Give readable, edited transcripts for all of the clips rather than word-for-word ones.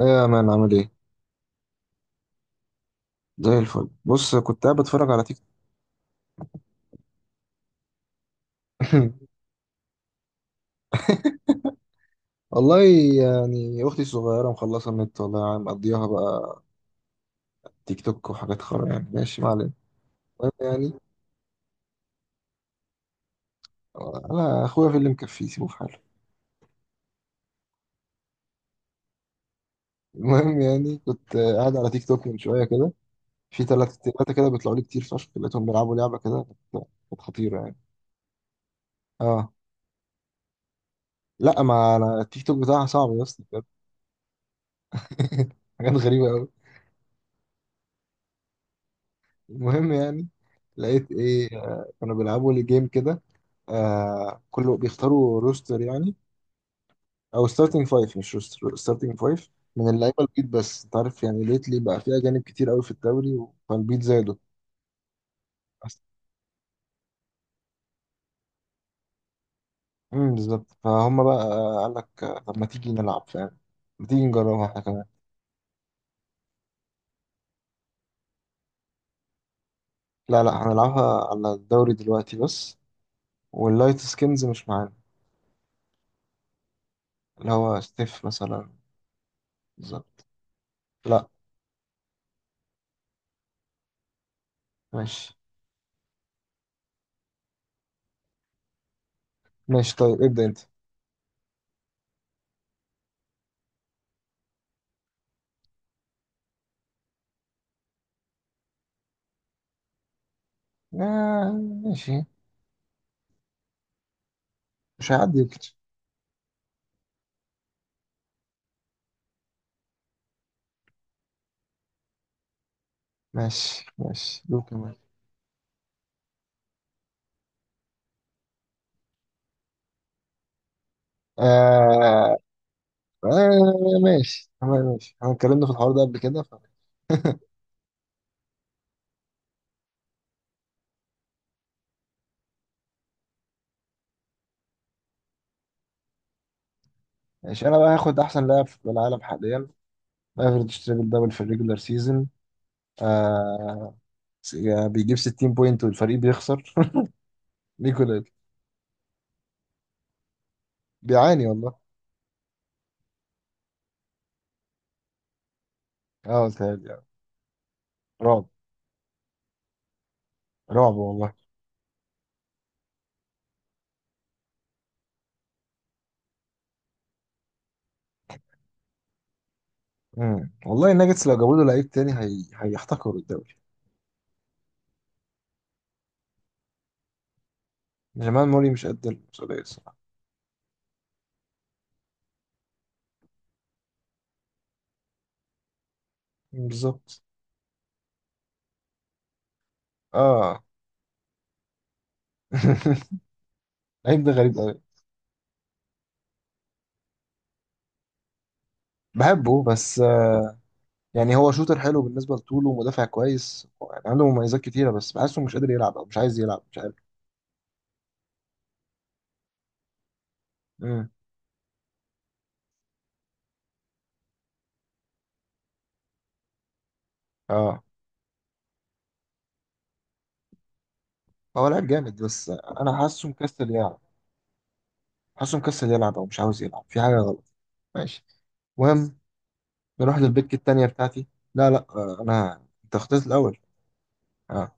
ايه يا مان عامل ايه؟ زي الفل، بص كنت قاعد بتفرج على تيك توك. والله يعني اختي الصغيره مخلصه النت، والله يعني مقضيها بقى تيك توك وحاجات خرا. يعني ماشي ما علينا. المهم يعني انا اخويا في اللي مكفيه سيبه في حاله. المهم يعني كنت قاعد على تيك توك من شويه كده، في ثلاثه ثلاثه كده بيطلعوا لي كتير فشخ، لقيتهم بيلعبوا لعبه كده كانت خطيره يعني. اه لا، ما انا التيك توك بتاعها صعب يا اسطى بجد. حاجات غريبه قوي. المهم يعني لقيت ايه، كانوا بيلعبوا لي جيم كده. كله بيختاروا روستر يعني، او ستارتنج فايف، مش روستر، ستارتنج فايف. من اللعيبه البيض، بس انت عارف يعني ليتلي بقى في اجانب كتير قوي في الدوري، فالبيض زادوا. أص- بالظبط، فهم بقى، قال لك طب ما تيجي نلعب، فاهم؟ ما تيجي نجربها احنا كمان. لا لا، هنلعبها على الدوري دلوقتي بس. واللايت سكينز مش معانا. اللي هو ستيف مثلا. بالظبط. لا. ماشي ماشي، طيب ابدأ انت. آه ماشي، مش هيعدي يمكن. ماشي ماشي دوك. آه آه ماشي تمام، ماشي، احنا اتكلمنا في الحوار ده قبل كده ماشي، انا بقى هاخد احسن لاعب في العالم حاليا، افريج تريبل دبل في الريجولار سيزون. آه بيجيب 60 بوينت والفريق بيخسر. نيكولا. بيعاني والله. اه تهيألي يعني. رعب، رعب والله. مم. والله الناجتس لو جابوا له لعيب تاني هيحتكروا الدوري. جمال موري مش قد المسؤولية الصراحة. بالظبط. اه اللعيب ده غريب قوي. بحبه، بس يعني هو شوتر حلو بالنسبه لطوله ومدافع كويس، يعني عنده مميزات كتيره، بس بحسه مش قادر يلعب او مش عايز يلعب، مش عارف. امم اه هو لعيب جامد، بس انا حاسه مكسل يلعب. حاسه مكسل يلعب او مش عاوز يلعب، في حاجه غلط. ماشي. المهم نروح للبيك التانية بتاعتي. لا لا، انت اخترت الاول. اه،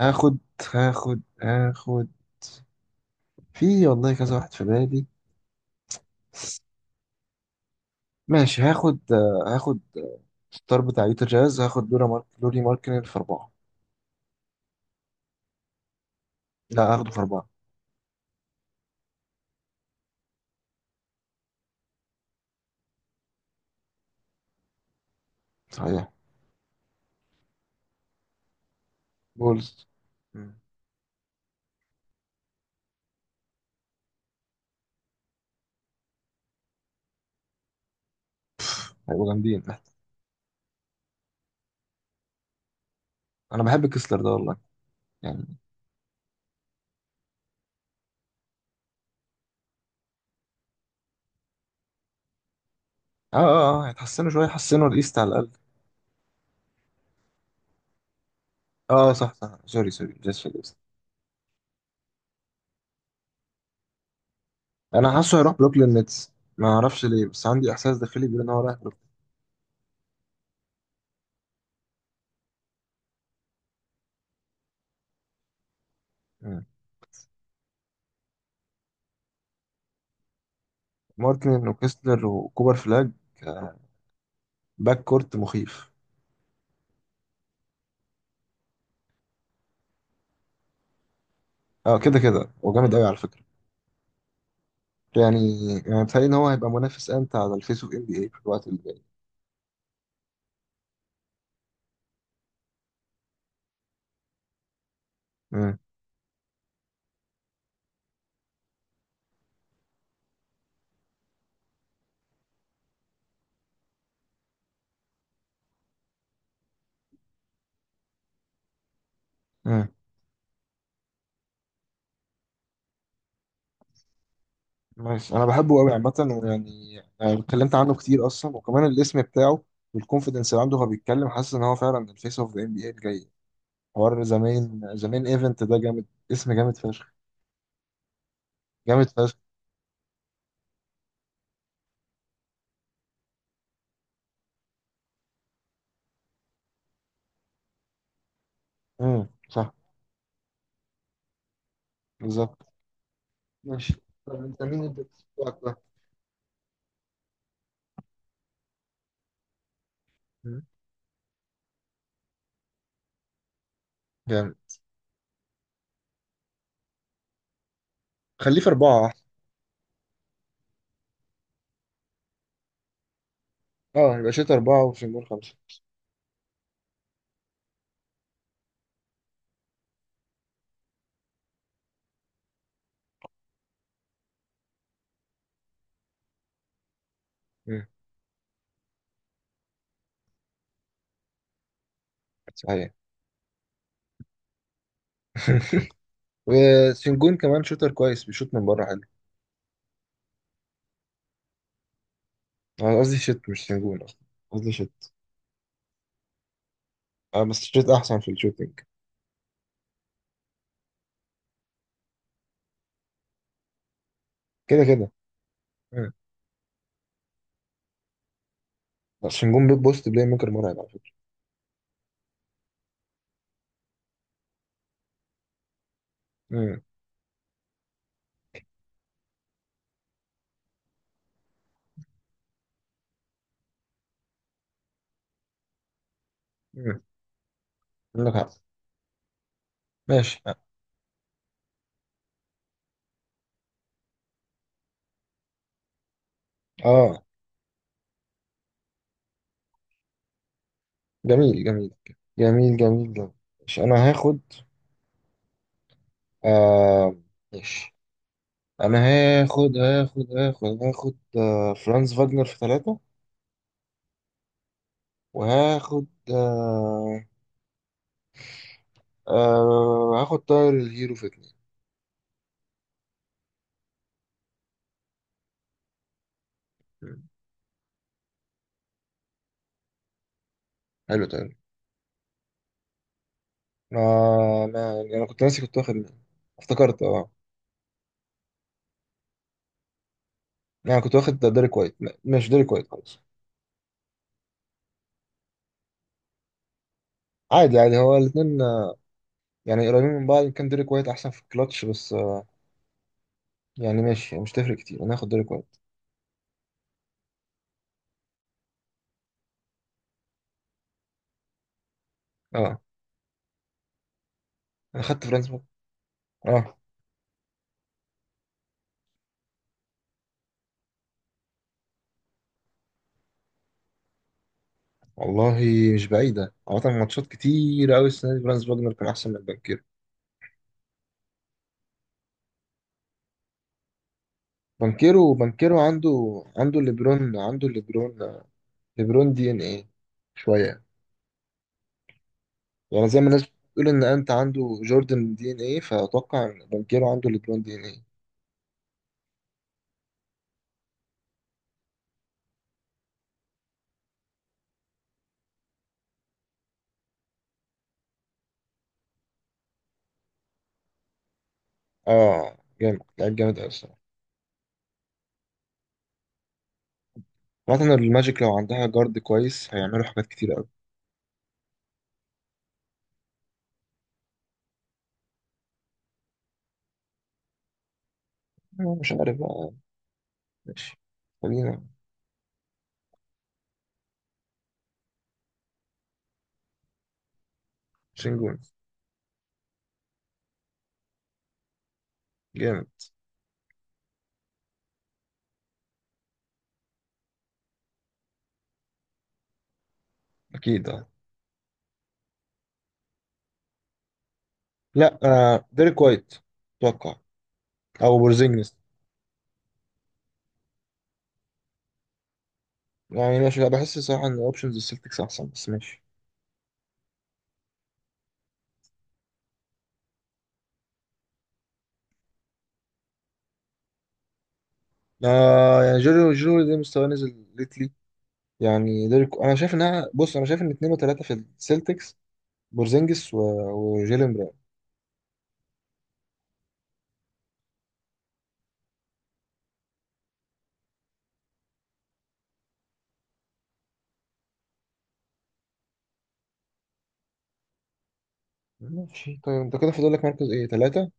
هاخد هاخد. في والله كذا واحد في بالي. ماشي هاخد ستار بتاع يوتا جاز. هاخد لورا مارك لوري ماركنن في أربعة. لا هاخده في أربعة. صحيح. بولز. مم. هيبقوا جامدين. انا بحب كسلر ده والله. يعني. اه اه اه، هيتحسنوا شويه، يحسنوا الايست على الاقل. اه صح صح، سوري سوري، جاز في الايست. انا حاسه هيروح بروكلين نتس. ما اعرفش ليه، بس عندي احساس داخلي بيقول ان هو رايح بروكلين. مم. مارتن وكسلر وكوبر فلاج. آه، باك كورت مخيف. اه كده كده وجامد قوي على فكره. يعني يعني بيتهيألي ان هو هيبقى منافس امتع على الفيس اوف ام بي اي في الوقت اللي جاي. مم. مم. ماشي انا بحبه قوي عامه. ويعني أنا اتكلمت عنه كتير اصلا، وكمان الاسم بتاعه والكونفيدنس اللي عنده وهو بيتكلم، حاسس ان هو فعلا الفيس اوف ذا ام بي اي الجاي. حوار زمان زمان، ايفنت ده جامد. اسم جامد فشخ. جامد فشخ. صح. بالظبط. ماشي، طب انت مين اللي بتتوقع ده؟ مم. جامد. خليه في اربعه احسن. اه يبقى شوت اربعه وشنجون خمسه. امم صحيح. وسنجون كمان شوتر كويس، بيشوت من بره حلو. أنا قصدي شوت مش سنجون اصلا. قصدي شوت. اه بس شوت احسن في الشوتنج. كده كده. بس نجوم بيب بوست بلاي ميكر مرعب على فكرة. امم امم، عندك حق. ماشي. اه جميل جميل جميل جميل جميل. ماشي انا هاخد آه ماشي انا فرانز فاجنر في ثلاثة. وهاخد آه آه هاخد طاير الهيرو في اتنين. مم. حلو طاير. انا كنت ناسي كنت واخد مين. افتكرت. اه انا كنت واخد ديريك وايت. لا، ماشي ديريك وايت خلاص. عادي عادي، هو الاثنين يعني قريبين من بعض، كان ديريك وايت احسن في الكلاتش، بس يعني ماشي، يعني مش تفرق كتير، انا هاخد ديريك وايت. اه انا خدت فرانس بوجنر. اه والله، مش بعيدة عامة، ماتشات كتير أوي السنة دي فرانس بوجنر كان أحسن من بانكيرو. بانكيرو عنده. عنده ليبرون، عنده ليبرون. ليبرون دي إن إيه شوية. يعني زي ما الناس بتقول إن أنت عنده جوردن دي إن إيه، فأتوقع إن بانكيرو عنده ليبرون دي إن إيه. اه، جامد، لعيب جامد أوي الصراحة. عامة الماجيك لو عندها جارد كويس هيعملوا حاجات كتير أوي. مش عارف بقى. ماشي، خلينا. شنجون جامد. اكيد اه. لا، ديريك وايت اتوقع، او بورزينجس. يعني ماشي، بحس صراحه ان اوبشنز السلتكس احسن، بس ماشي. يعني جيرو ده مستواه نزل ليتلي. يعني ديريك، انا شايف انها بص، انا شايف ان اتنين وتلاته في السلتكس، بورزينجس وجيلين براون. ماشي، طيب انت كده فاضل لك مركز ايه، تلاته.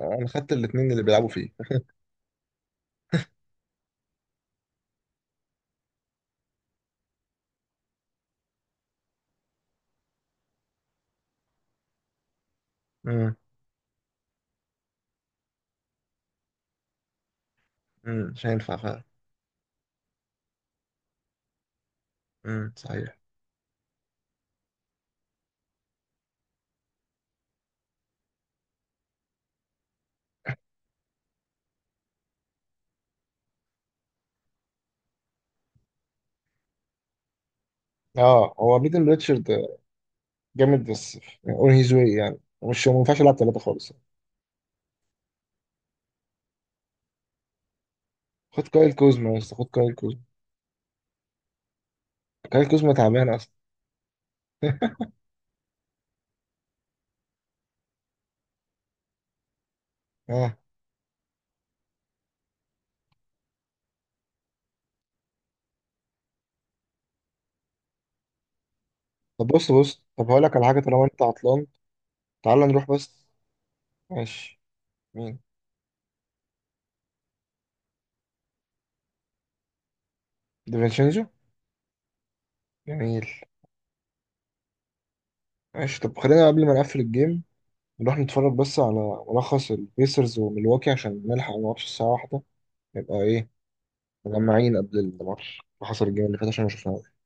انا خدت الاتنين اللي بيلعبوا فيه. امم مش هينفع فعلا. صحيح. اه هو بيتن ريتشارد جامد، بس اون هيز واي، يعني مش، ما ينفعش يلعب ثلاثه خالص يعني. خد كايل كوزما يا اسطى، خد كايل كوزما. كايل كوزما تعبان اصلا. اه طب بص بص، طب هقول لك على حاجه طالما انت عطلان. تعال نروح بس. ماشي. مين؟ ديفينشينجو. جميل. ماشي طب خلينا قبل ما نقفل الجيم، نروح نتفرج بس على ملخص البيسرز وميلواكي عشان نلحق الماتش الساعه واحدة، نبقى ايه مجمعين قبل الماتش اللي حصل الجيم اللي فات، عشان ما شفناهوش.